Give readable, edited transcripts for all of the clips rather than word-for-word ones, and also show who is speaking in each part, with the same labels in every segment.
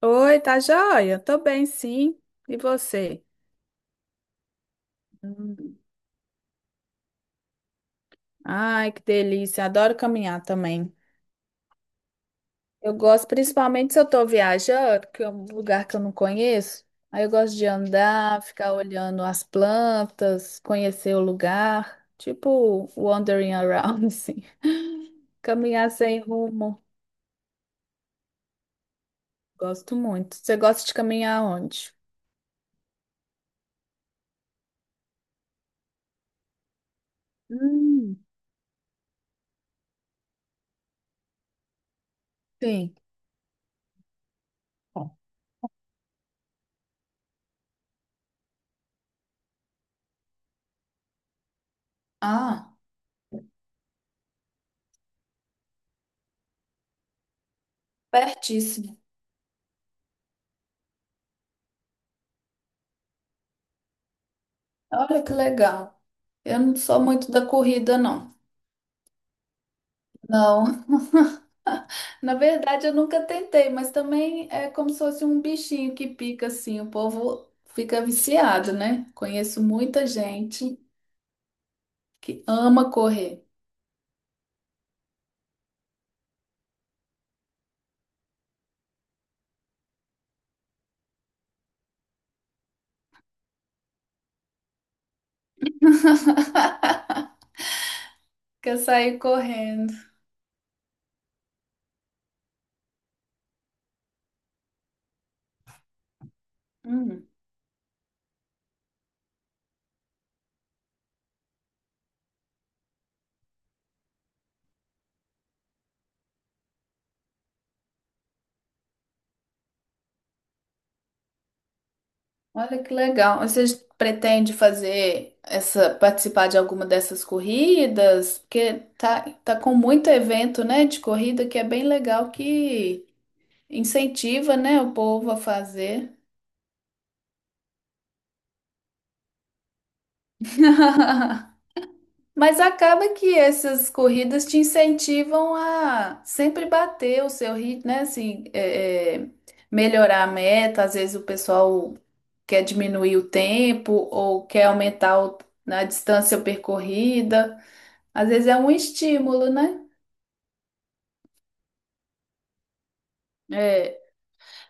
Speaker 1: Oi, tá joia? Tô bem, sim. E você? Hum. Ai, que delícia. Adoro caminhar também. Eu gosto, principalmente se eu tô viajando, que é um lugar que eu não conheço. Aí eu gosto de andar, ficar olhando as plantas, conhecer o lugar. Tipo, wandering around, assim. Caminhar sem rumo. Gosto muito. Você gosta de caminhar onde? Hum. Sim. Ah, pertíssimo. Olha que legal. Eu não sou muito da corrida, não. Não. Na verdade, eu nunca tentei, mas também é como se fosse um bichinho que pica assim, o povo fica viciado, né? Conheço muita gente que ama correr, quer sair correndo. Hum, olha que legal. Você pretende fazer essa, participar de alguma dessas corridas? Porque tá com muito evento, né, de corrida que é bem legal que incentiva, né, o povo a fazer. Mas acaba que essas corridas te incentivam a sempre bater o seu ritmo, né? Assim, melhorar a meta. Às vezes o pessoal quer diminuir o tempo ou quer aumentar na distância percorrida. Às vezes é um estímulo, né? É,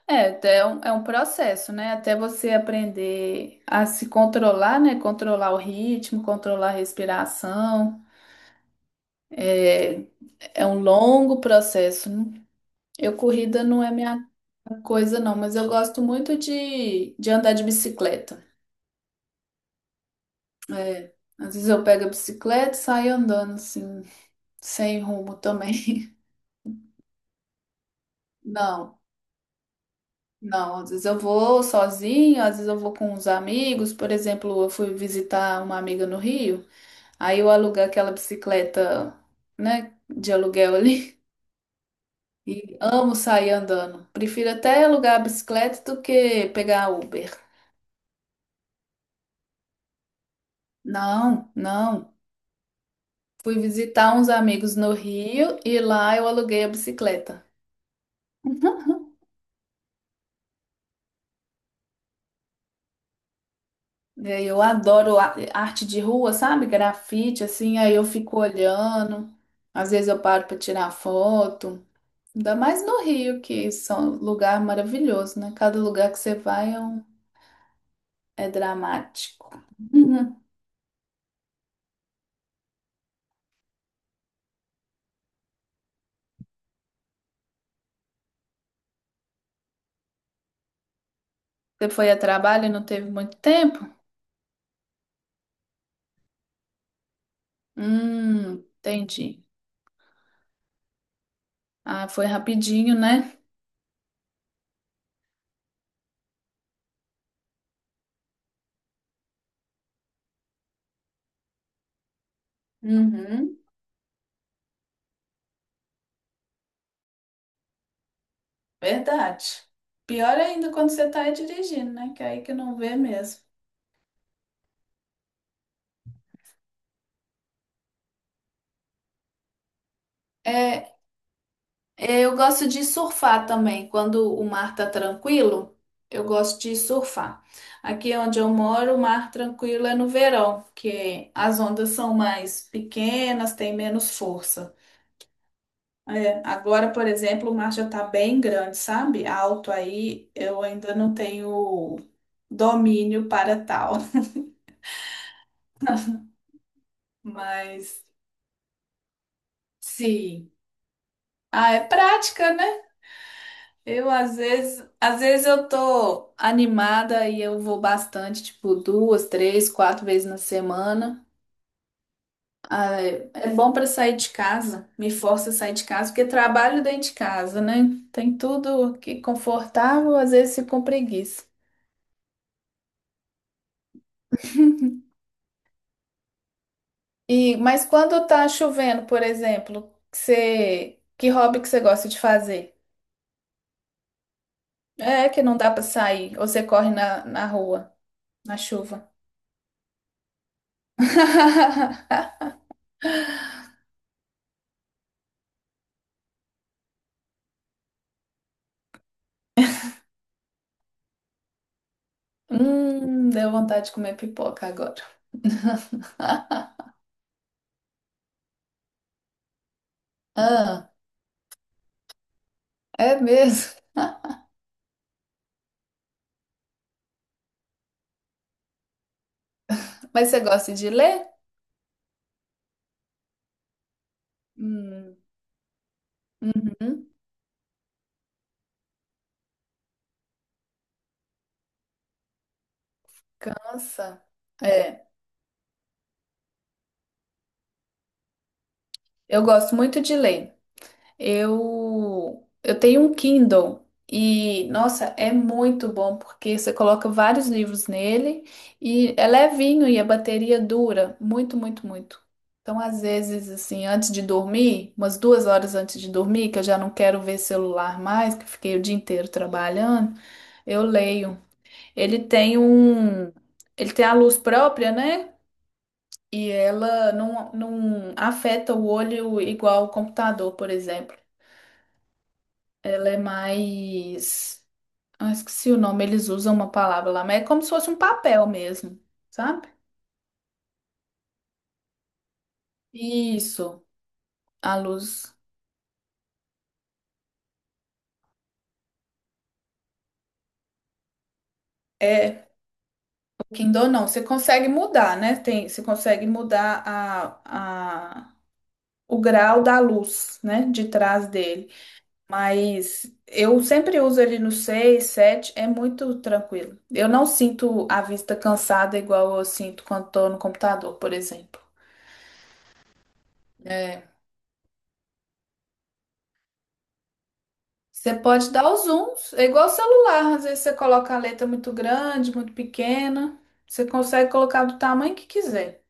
Speaker 1: até é um processo, né? Até você aprender a se controlar, né? Controlar o ritmo, controlar a respiração. É, é um longo processo, né? Eu corrida não é minha coisa, não, mas eu gosto muito de andar de bicicleta. É, às vezes eu pego a bicicleta e saio andando assim, sem rumo também. Não, não, às vezes eu vou sozinho, às vezes eu vou com os amigos. Por exemplo, eu fui visitar uma amiga no Rio, aí eu aluguei aquela bicicleta, né, de aluguel ali. E amo sair andando. Prefiro até alugar a bicicleta do que pegar Uber. Não, não. Fui visitar uns amigos no Rio e lá eu aluguei a bicicleta. E aí, eu adoro arte de rua, sabe? Grafite, assim, aí eu fico olhando. Às vezes eu paro para tirar foto. Ainda mais no Rio, que são lugar maravilhoso, né? Cada lugar que você vai é, é dramático. Uhum. Você foi a trabalho e não teve muito tempo? Entendi. Ah, foi rapidinho, né? Uhum. Verdade. Pior ainda quando você tá aí dirigindo, né? Que aí que não vê mesmo. É, eu gosto de surfar também. Quando o mar tá tranquilo, eu gosto de surfar. Aqui onde eu moro, o mar tranquilo é no verão, que as ondas são mais pequenas, tem menos força. É, agora, por exemplo, o mar já tá bem grande, sabe? Alto aí, eu ainda não tenho domínio para tal. Mas, sim. Ah, é prática, né? Eu às vezes eu tô animada e eu vou bastante, tipo duas, três, quatro vezes na semana. Ah, é é bom pra sair de casa, me força a sair de casa, porque trabalho dentro de casa, né? Tem tudo que confortável, às vezes fico com preguiça. E, mas quando tá chovendo, por exemplo, que hobby que você gosta de fazer? É que não dá pra sair, ou você corre na rua, na chuva. Deu vontade de comer pipoca agora. Ah, é mesmo? Mas você gosta de ler? Hum, hum, cansa. É, eu gosto muito de ler. Eu tenho um Kindle e, nossa, é muito bom porque você coloca vários livros nele e é levinho e a bateria dura muito, muito, muito. Então, às vezes, assim, antes de dormir, umas 2 horas antes de dormir, que eu já não quero ver celular mais, que eu fiquei o dia inteiro trabalhando, eu leio. Ele tem um, ele tem a luz própria, né? E ela não afeta o olho igual o computador, por exemplo. Ela é mais. Ah, esqueci o nome, eles usam uma palavra lá, mas é como se fosse um papel mesmo, sabe? Isso, a luz. É, o Kindle não, você consegue mudar, né? Tem, você consegue mudar o grau da luz, né? De trás dele. Mas eu sempre uso ele no 6 7 é muito tranquilo. Eu não sinto a vista cansada igual eu sinto quando tô no computador, por exemplo. É, você pode dar os zooms, é igual celular, às vezes você coloca a letra muito grande, muito pequena, você consegue colocar do tamanho que quiser.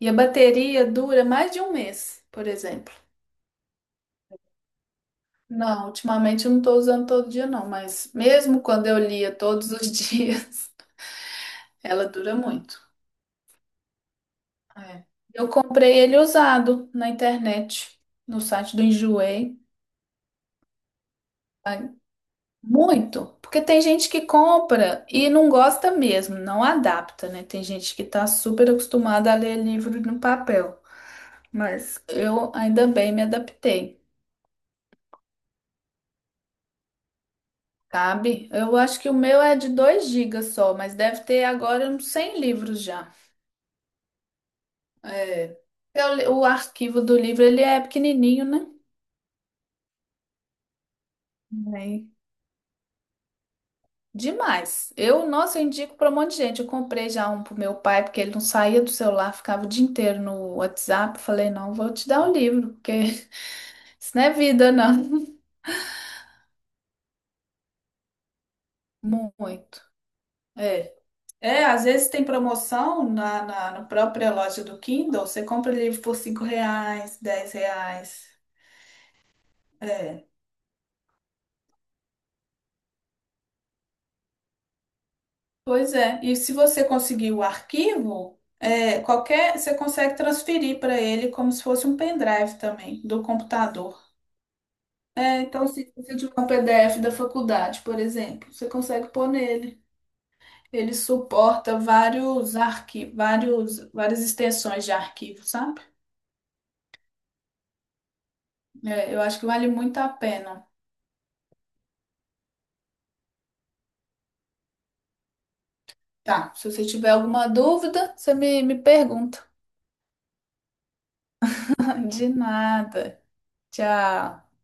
Speaker 1: E a bateria dura mais de um mês, por exemplo. Não, ultimamente eu não estou usando todo dia não, mas mesmo quando eu lia todos os dias, ela dura muito. É. Eu comprei ele usado na internet, no site do Enjoei. Muito, porque tem gente que compra e não gosta mesmo, não adapta, né? Tem gente que tá super acostumada a ler livro no papel, mas eu ainda bem me adaptei, sabe? Eu acho que o meu é de 2 gigas só, mas deve ter agora uns 100 livros já. É. O arquivo do livro ele é pequenininho, né? É. Demais. Eu, nossa, eu indico para um monte de gente. Eu comprei já um pro meu pai, porque ele não saía do celular, ficava o dia inteiro no WhatsApp. Falei, não, vou te dar o livro, porque isso não é vida, não. Muito. É. É, às vezes tem promoção na própria loja do Kindle. Você compra livro por 5 reais, 10 reais. É. Pois é. E se você conseguir o arquivo, é, qualquer, você consegue transferir para ele como se fosse um pendrive também, do computador. É, então, se você tiver um PDF da faculdade, por exemplo, você consegue pôr nele. Ele suporta vários arquivos, vários, várias extensões de arquivo, sabe? É, eu acho que vale muito a pena. Tá, se você tiver alguma dúvida, você me pergunta. De nada. Tchau.